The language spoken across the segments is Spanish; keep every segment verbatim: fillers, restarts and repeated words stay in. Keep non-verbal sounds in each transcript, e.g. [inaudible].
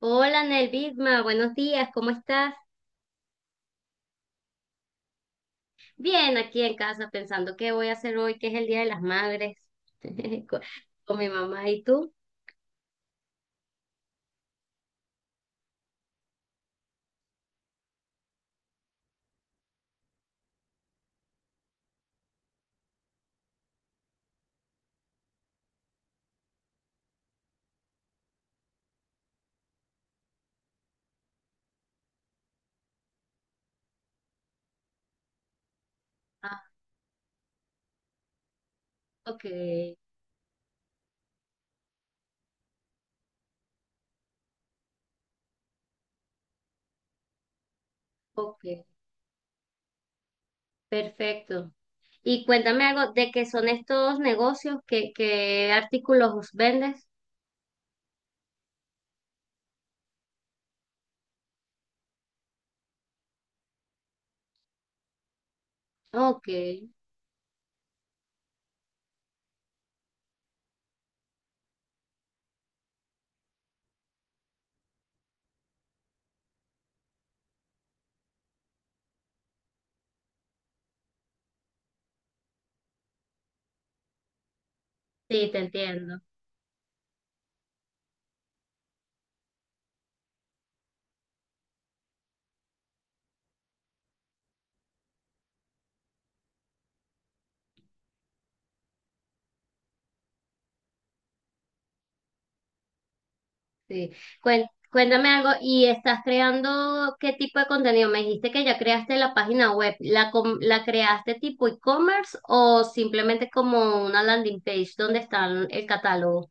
Hola Nelvisma, buenos días, ¿cómo estás? Bien, aquí en casa pensando qué voy a hacer hoy, que es el Día de las Madres, [laughs] con, con mi mamá y tú. Ah, ok, ok, perfecto. Y cuéntame algo de qué son estos negocios, qué, qué artículos vendes. Ok, sí, te entiendo. Sí. Cuen- Cuéntame algo, ¿y estás creando qué tipo de contenido? Me dijiste que ya creaste la página web, ¿la, com- la creaste tipo e-commerce o simplemente como una landing page donde está el catálogo?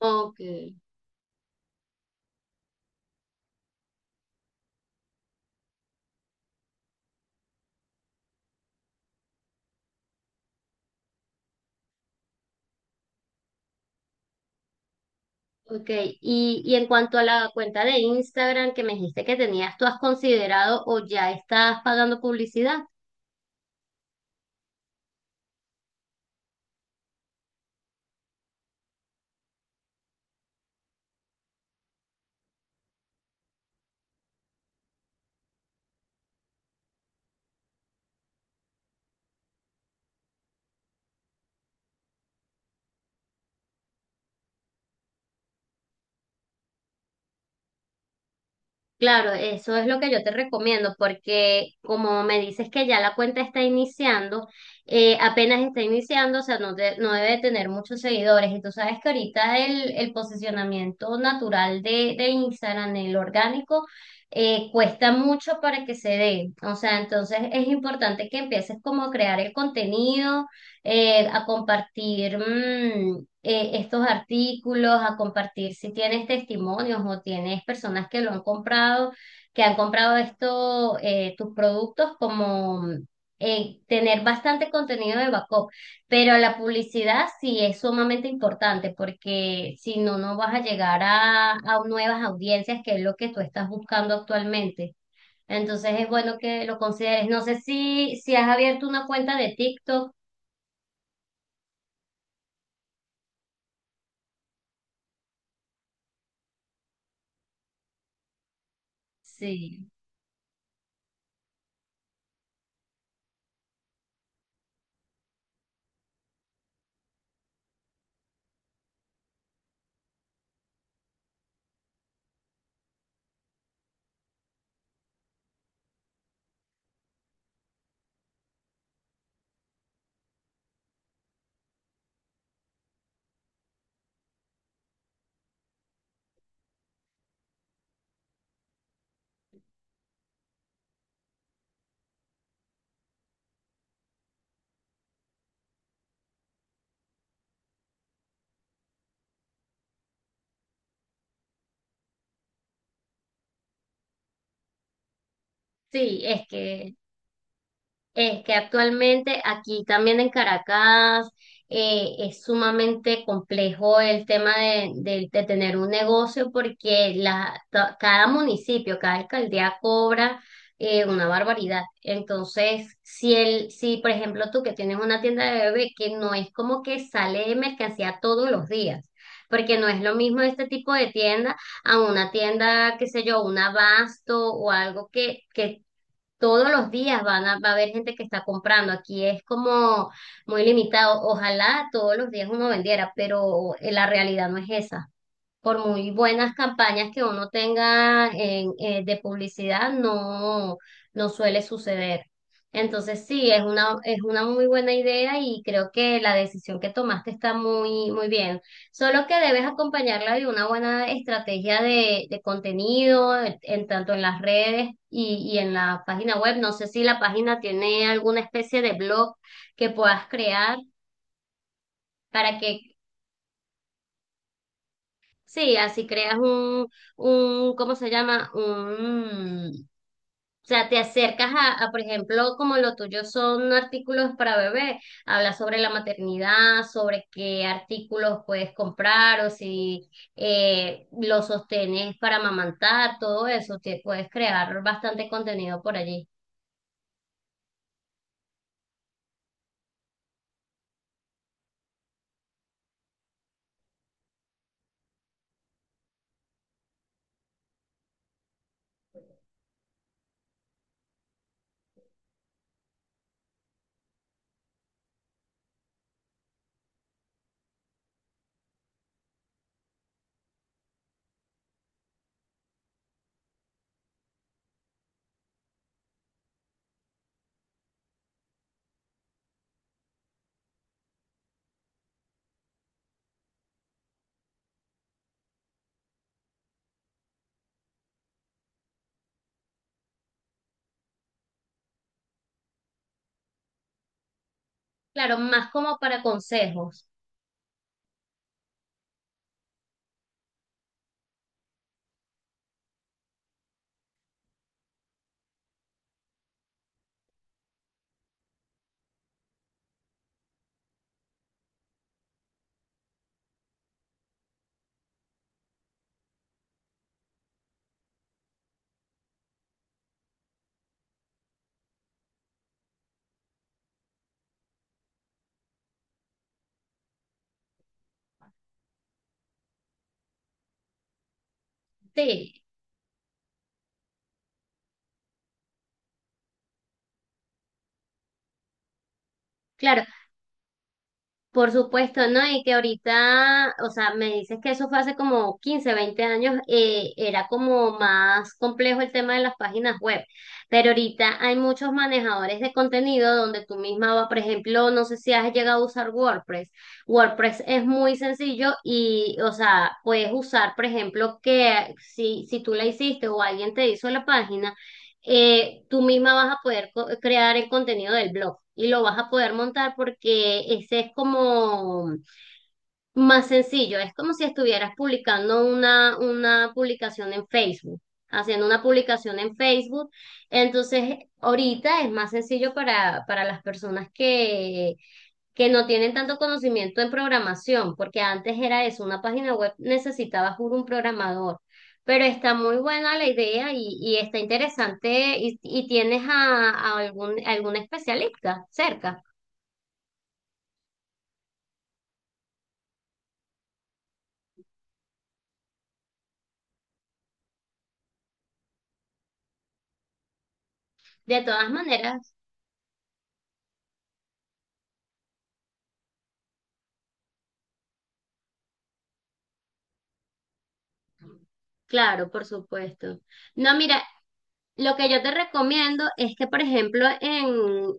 Ok, ok. Y, y en cuanto a la cuenta de Instagram que me dijiste que tenías, ¿tú has considerado o ya estás pagando publicidad? Claro, eso es lo que yo te recomiendo, porque como me dices que ya la cuenta está iniciando, eh, apenas está iniciando, o sea, no, de- no debe tener muchos seguidores. Y tú sabes que ahorita el, el posicionamiento natural de, de Instagram, el orgánico, eh, cuesta mucho para que se dé. O sea, entonces es importante que empieces como a crear el contenido eh, a compartir mm, eh, estos artículos, a compartir si tienes testimonios o tienes personas que lo han comprado, que han comprado esto, eh, tus productos, como mm, eh, tener bastante contenido de backup. Pero la publicidad sí es sumamente importante porque si no, no vas a llegar a, a nuevas audiencias, que es lo que tú estás buscando actualmente. Entonces es bueno que lo consideres. No sé si, si has abierto una cuenta de TikTok. Sí. Sí, es que, es que actualmente aquí también en Caracas eh, es sumamente complejo el tema de, de- de tener un negocio porque la, to- cada municipio, cada alcaldía cobra eh, una barbaridad. Entonces, si, el, si por ejemplo tú que tienes una tienda de bebé que no es como que sale de mercancía todos los días, porque no es lo mismo este tipo de tienda a una tienda, qué sé yo, un abasto o algo que, que todos los días van a, va a haber gente que está comprando. Aquí es como muy limitado. Ojalá todos los días uno vendiera, pero eh, la realidad no es esa por muy buenas campañas que uno tenga en, eh, de publicidad, no, no suele suceder. Entonces sí, es una, es una muy buena idea y creo que la decisión que tomaste está muy, muy bien. Solo que debes acompañarla de una buena estrategia de, de contenido, en, en tanto en las redes y, y en la página web. No sé si la página tiene alguna especie de blog que puedas crear para que Sí, así creas un, un, ¿cómo se llama? Un, o sea, te acercas a, a, por ejemplo, como lo tuyo son artículos para bebé, habla sobre la maternidad, sobre qué artículos puedes comprar o si eh, los sostenes para amamantar, todo eso, te puedes crear bastante contenido por allí. Claro, más como para consejos. Sí. Claro, por supuesto, ¿no? Y que ahorita, o sea, me dices que eso fue hace como quince veinte años, eh, era como más complejo el tema de las páginas web, pero ahorita hay muchos manejadores de contenido donde tú misma vas, por ejemplo, no sé si has llegado a usar WordPress. WordPress es muy sencillo y, o sea, puedes usar, por ejemplo, que si, si tú la hiciste o alguien te hizo la página, eh, tú misma vas a poder co- crear el contenido del blog y lo vas a poder montar porque ese es como más sencillo. Es como si estuvieras publicando una, una publicación en Facebook, haciendo una publicación en Facebook. Entonces, ahorita es más sencillo para, para las personas que que no tienen tanto conocimiento en programación, porque antes era eso, una página web necesitaba juro un programador, pero está muy buena la idea y, y está interesante y, y tienes a, a algún, algún especialista cerca. De todas maneras, claro, por supuesto. No, mira, lo que yo te recomiendo es que, por ejemplo, en,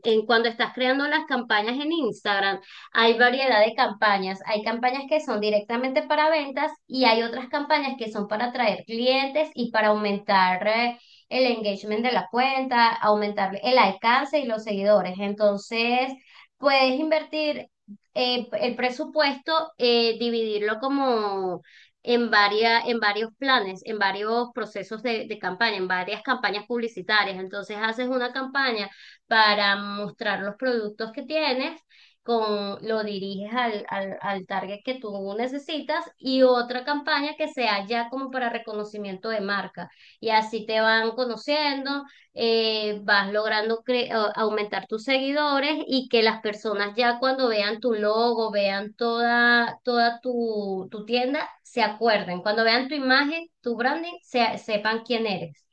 en cuando estás creando las campañas en Instagram, hay variedad de campañas. Hay campañas que son directamente para ventas y hay otras campañas que son para atraer clientes y para aumentar eh, el engagement de la cuenta, aumentar el alcance y los seguidores. Entonces, puedes invertir eh, el presupuesto, eh, dividirlo como en varias en varios planes, en varios procesos de, de campaña, en varias campañas publicitarias. Entonces haces una campaña para mostrar los productos que tienes, con, lo diriges al, al, al target que tú necesitas y otra campaña que sea ya como para reconocimiento de marca. Y así te van conociendo, eh, vas logrando cre- a- aumentar tus seguidores y que las personas ya cuando vean tu logo, vean toda, toda tu, tu tienda, se acuerden. Cuando vean tu imagen, tu branding, se- sepan quién eres.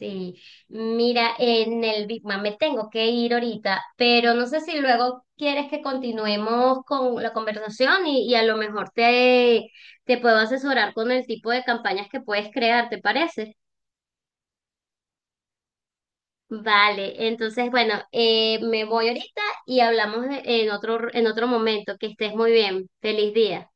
Sí, mira, en el Big Mac me tengo que ir ahorita, pero no sé si luego quieres que continuemos con la conversación y, y a lo mejor te, te puedo asesorar con el tipo de campañas que puedes crear, ¿te parece? Vale, entonces bueno, eh, me voy ahorita y hablamos en otro, en otro momento. Que estés muy bien. Feliz día.